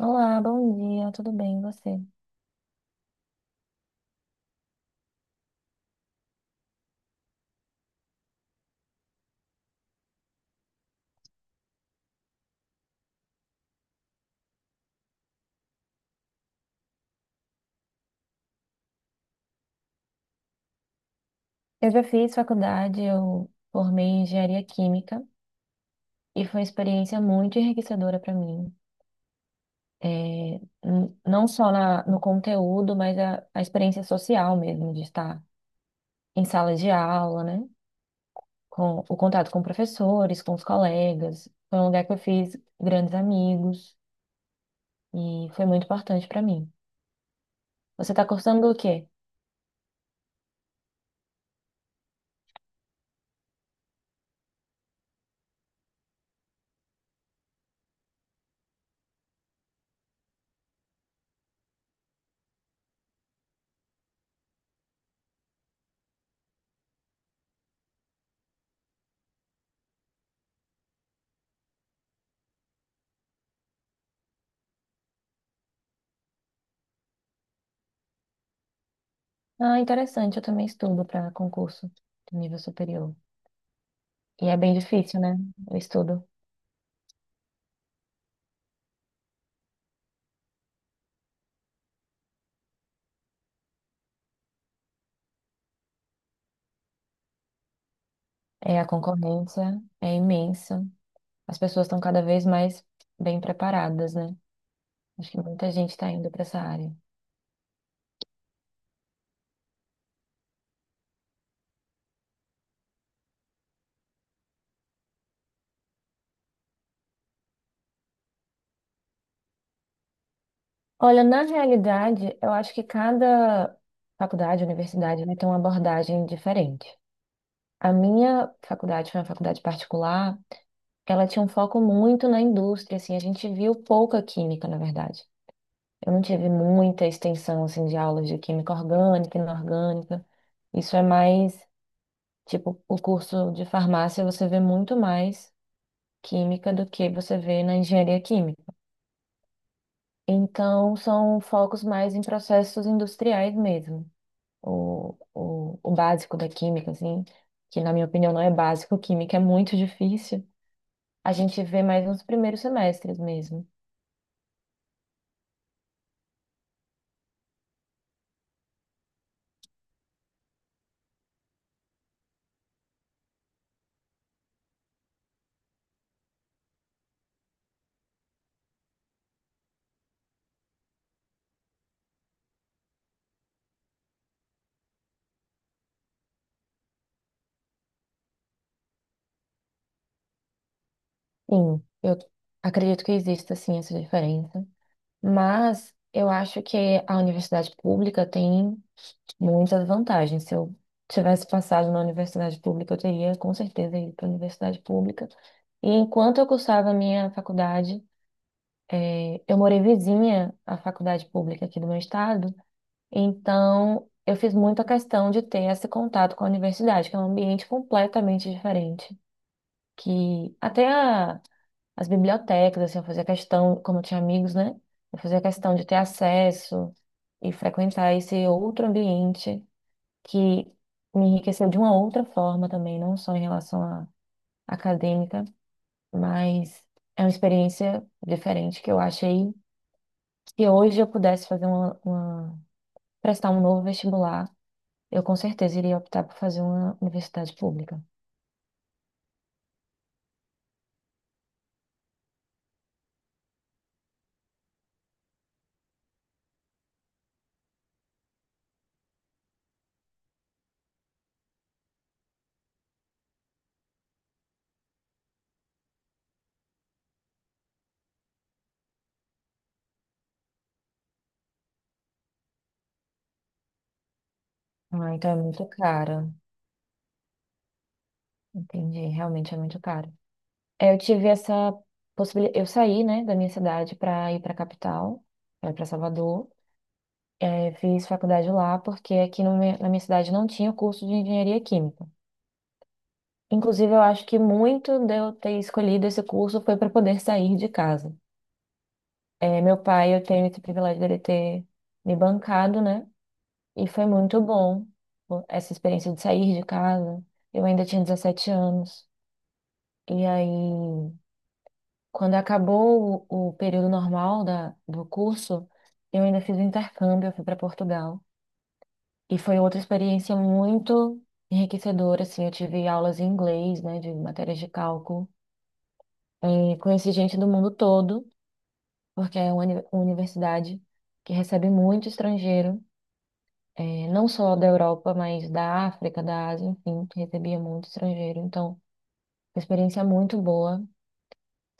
Olá, bom dia, tudo bem, e você? Eu já fiz faculdade, eu formei em engenharia química e foi uma experiência muito enriquecedora para mim. É, não só no conteúdo, mas a experiência social mesmo, de estar em sala de aula, né? Com o contato com professores, com os colegas. Foi um lugar que eu fiz grandes amigos e foi muito importante para mim. Você está cursando o quê? Ah, interessante, eu também estudo para concurso de nível superior. E é bem difícil, né? O estudo. É, a concorrência é imensa. As pessoas estão cada vez mais bem preparadas, né? Acho que muita gente está indo para essa área. Olha, na realidade, eu acho que cada faculdade, universidade, né, tem uma abordagem diferente. A minha faculdade foi uma faculdade particular, ela tinha um foco muito na indústria, assim, a gente viu pouca química, na verdade. Eu não tive muita extensão, assim, de aulas de química orgânica e inorgânica. Isso é mais. Tipo, o curso de farmácia você vê muito mais química do que você vê na engenharia química. Então, são focos mais em processos industriais mesmo. O básico da química, assim, que na minha opinião não é básico, química é muito difícil. A gente vê mais nos primeiros semestres mesmo. Sim, eu acredito que exista, sim, essa diferença. Mas eu acho que a universidade pública tem muitas vantagens. Se eu tivesse passado na universidade pública, eu teria com certeza ido para a universidade pública. E enquanto eu cursava a minha faculdade, eu morei vizinha à faculdade pública aqui do meu estado, então eu fiz muita questão de ter esse contato com a universidade, que é um ambiente completamente diferente. Que as bibliotecas, assim, eu fazia questão, como eu tinha amigos, né? Eu fazia questão de ter acesso e frequentar esse outro ambiente que me enriqueceu de uma outra forma também, não só em relação à acadêmica, mas é uma experiência diferente que eu achei que hoje eu pudesse fazer prestar um novo vestibular, eu com certeza iria optar por fazer uma universidade pública. Ah, então é muito cara, entendi, realmente é muito caro. É, eu tive essa possibilidade, eu saí, né, da minha cidade para ir para a capital, para Salvador. É, fiz faculdade lá porque aqui no me- na minha cidade não tinha curso de engenharia química. Inclusive, eu acho que muito de eu ter escolhido esse curso foi para poder sair de casa. É, meu pai, eu tenho esse privilégio dele ter me bancado, né? E foi muito bom pô, essa experiência de sair de casa. Eu ainda tinha 17 anos. E aí, quando acabou o período normal da, do curso, eu ainda fiz o intercâmbio, eu fui para Portugal. E foi outra experiência muito enriquecedora, assim. Eu tive aulas em inglês, né, de matérias de cálculo. É, conheci gente do mundo todo, porque é uma universidade que recebe muito estrangeiro, é, não só da Europa, mas da África, da Ásia, enfim, que recebia muito estrangeiro. Então, uma experiência muito boa.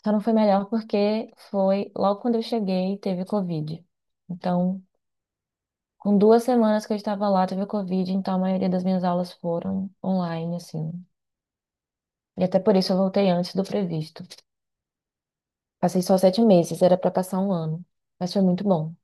Só não foi melhor porque foi logo quando eu cheguei, teve Covid. Então, com 2 semanas que eu estava lá, teve Covid, então a maioria das minhas aulas foram online, assim. E até por isso eu voltei antes do previsto. Passei só 7 meses, era para passar um ano, mas foi muito bom.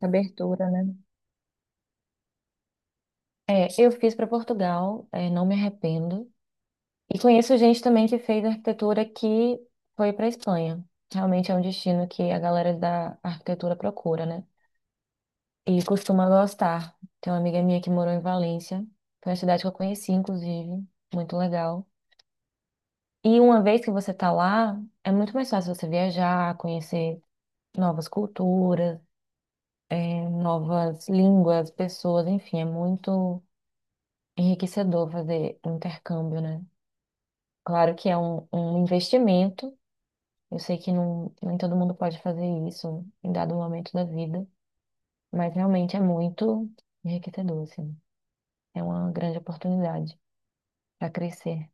Abertura, né? É, eu fiz para Portugal, é, não me arrependo. E conheço gente também que fez arquitetura que foi para Espanha. Realmente é um destino que a galera da arquitetura procura, né? E costuma gostar. Tem uma amiga minha que morou em Valência, foi uma cidade que eu conheci, inclusive, muito legal. E uma vez que você tá lá, é muito mais fácil você viajar, conhecer novas culturas, é, novas línguas, pessoas, enfim, é muito enriquecedor fazer um intercâmbio, né? Claro que é um, um investimento. Eu sei que não, nem todo mundo pode fazer isso em dado momento da vida, mas realmente é muito enriquecedor, assim. É uma grande oportunidade para crescer.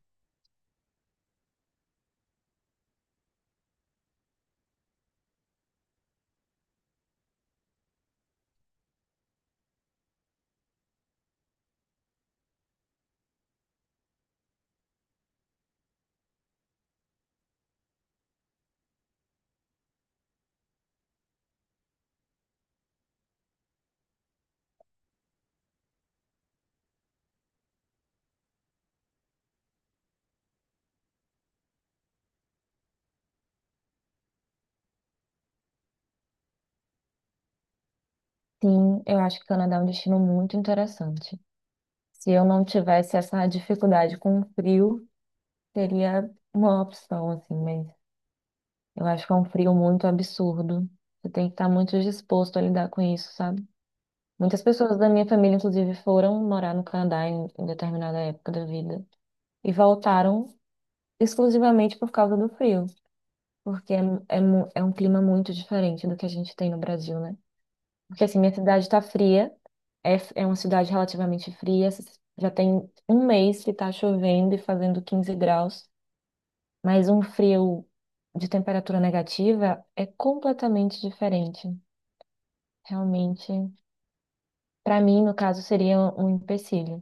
Sim, eu acho que o Canadá é um destino muito interessante. Se eu não tivesse essa dificuldade com o frio, seria uma opção, assim, mas eu acho que é um frio muito absurdo. Você tem que estar muito disposto a lidar com isso, sabe? Muitas pessoas da minha família, inclusive, foram morar no Canadá em determinada época da vida e voltaram exclusivamente por causa do frio, porque é um clima muito diferente do que a gente tem no Brasil, né? Porque assim, minha cidade está fria, é, é uma cidade relativamente fria, já tem um mês que está chovendo e fazendo 15 graus, mas um frio de temperatura negativa é completamente diferente. Realmente, para mim, no caso, seria um empecilho.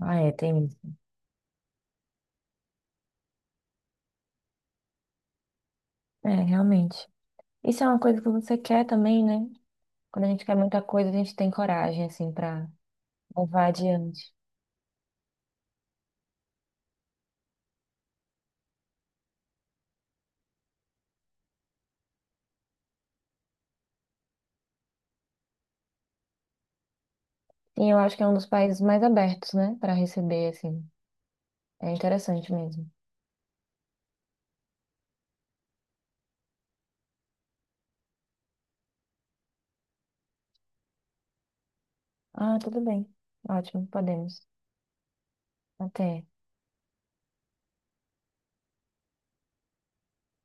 Ah, é, tem. É, realmente. Isso é uma coisa que você quer também, né? Quando a gente quer muita coisa, a gente tem coragem, assim, pra levar adiante. E eu acho que é um dos países mais abertos, né? Pra receber, assim. É interessante mesmo. Ah, tudo bem. Ótimo, podemos. Até.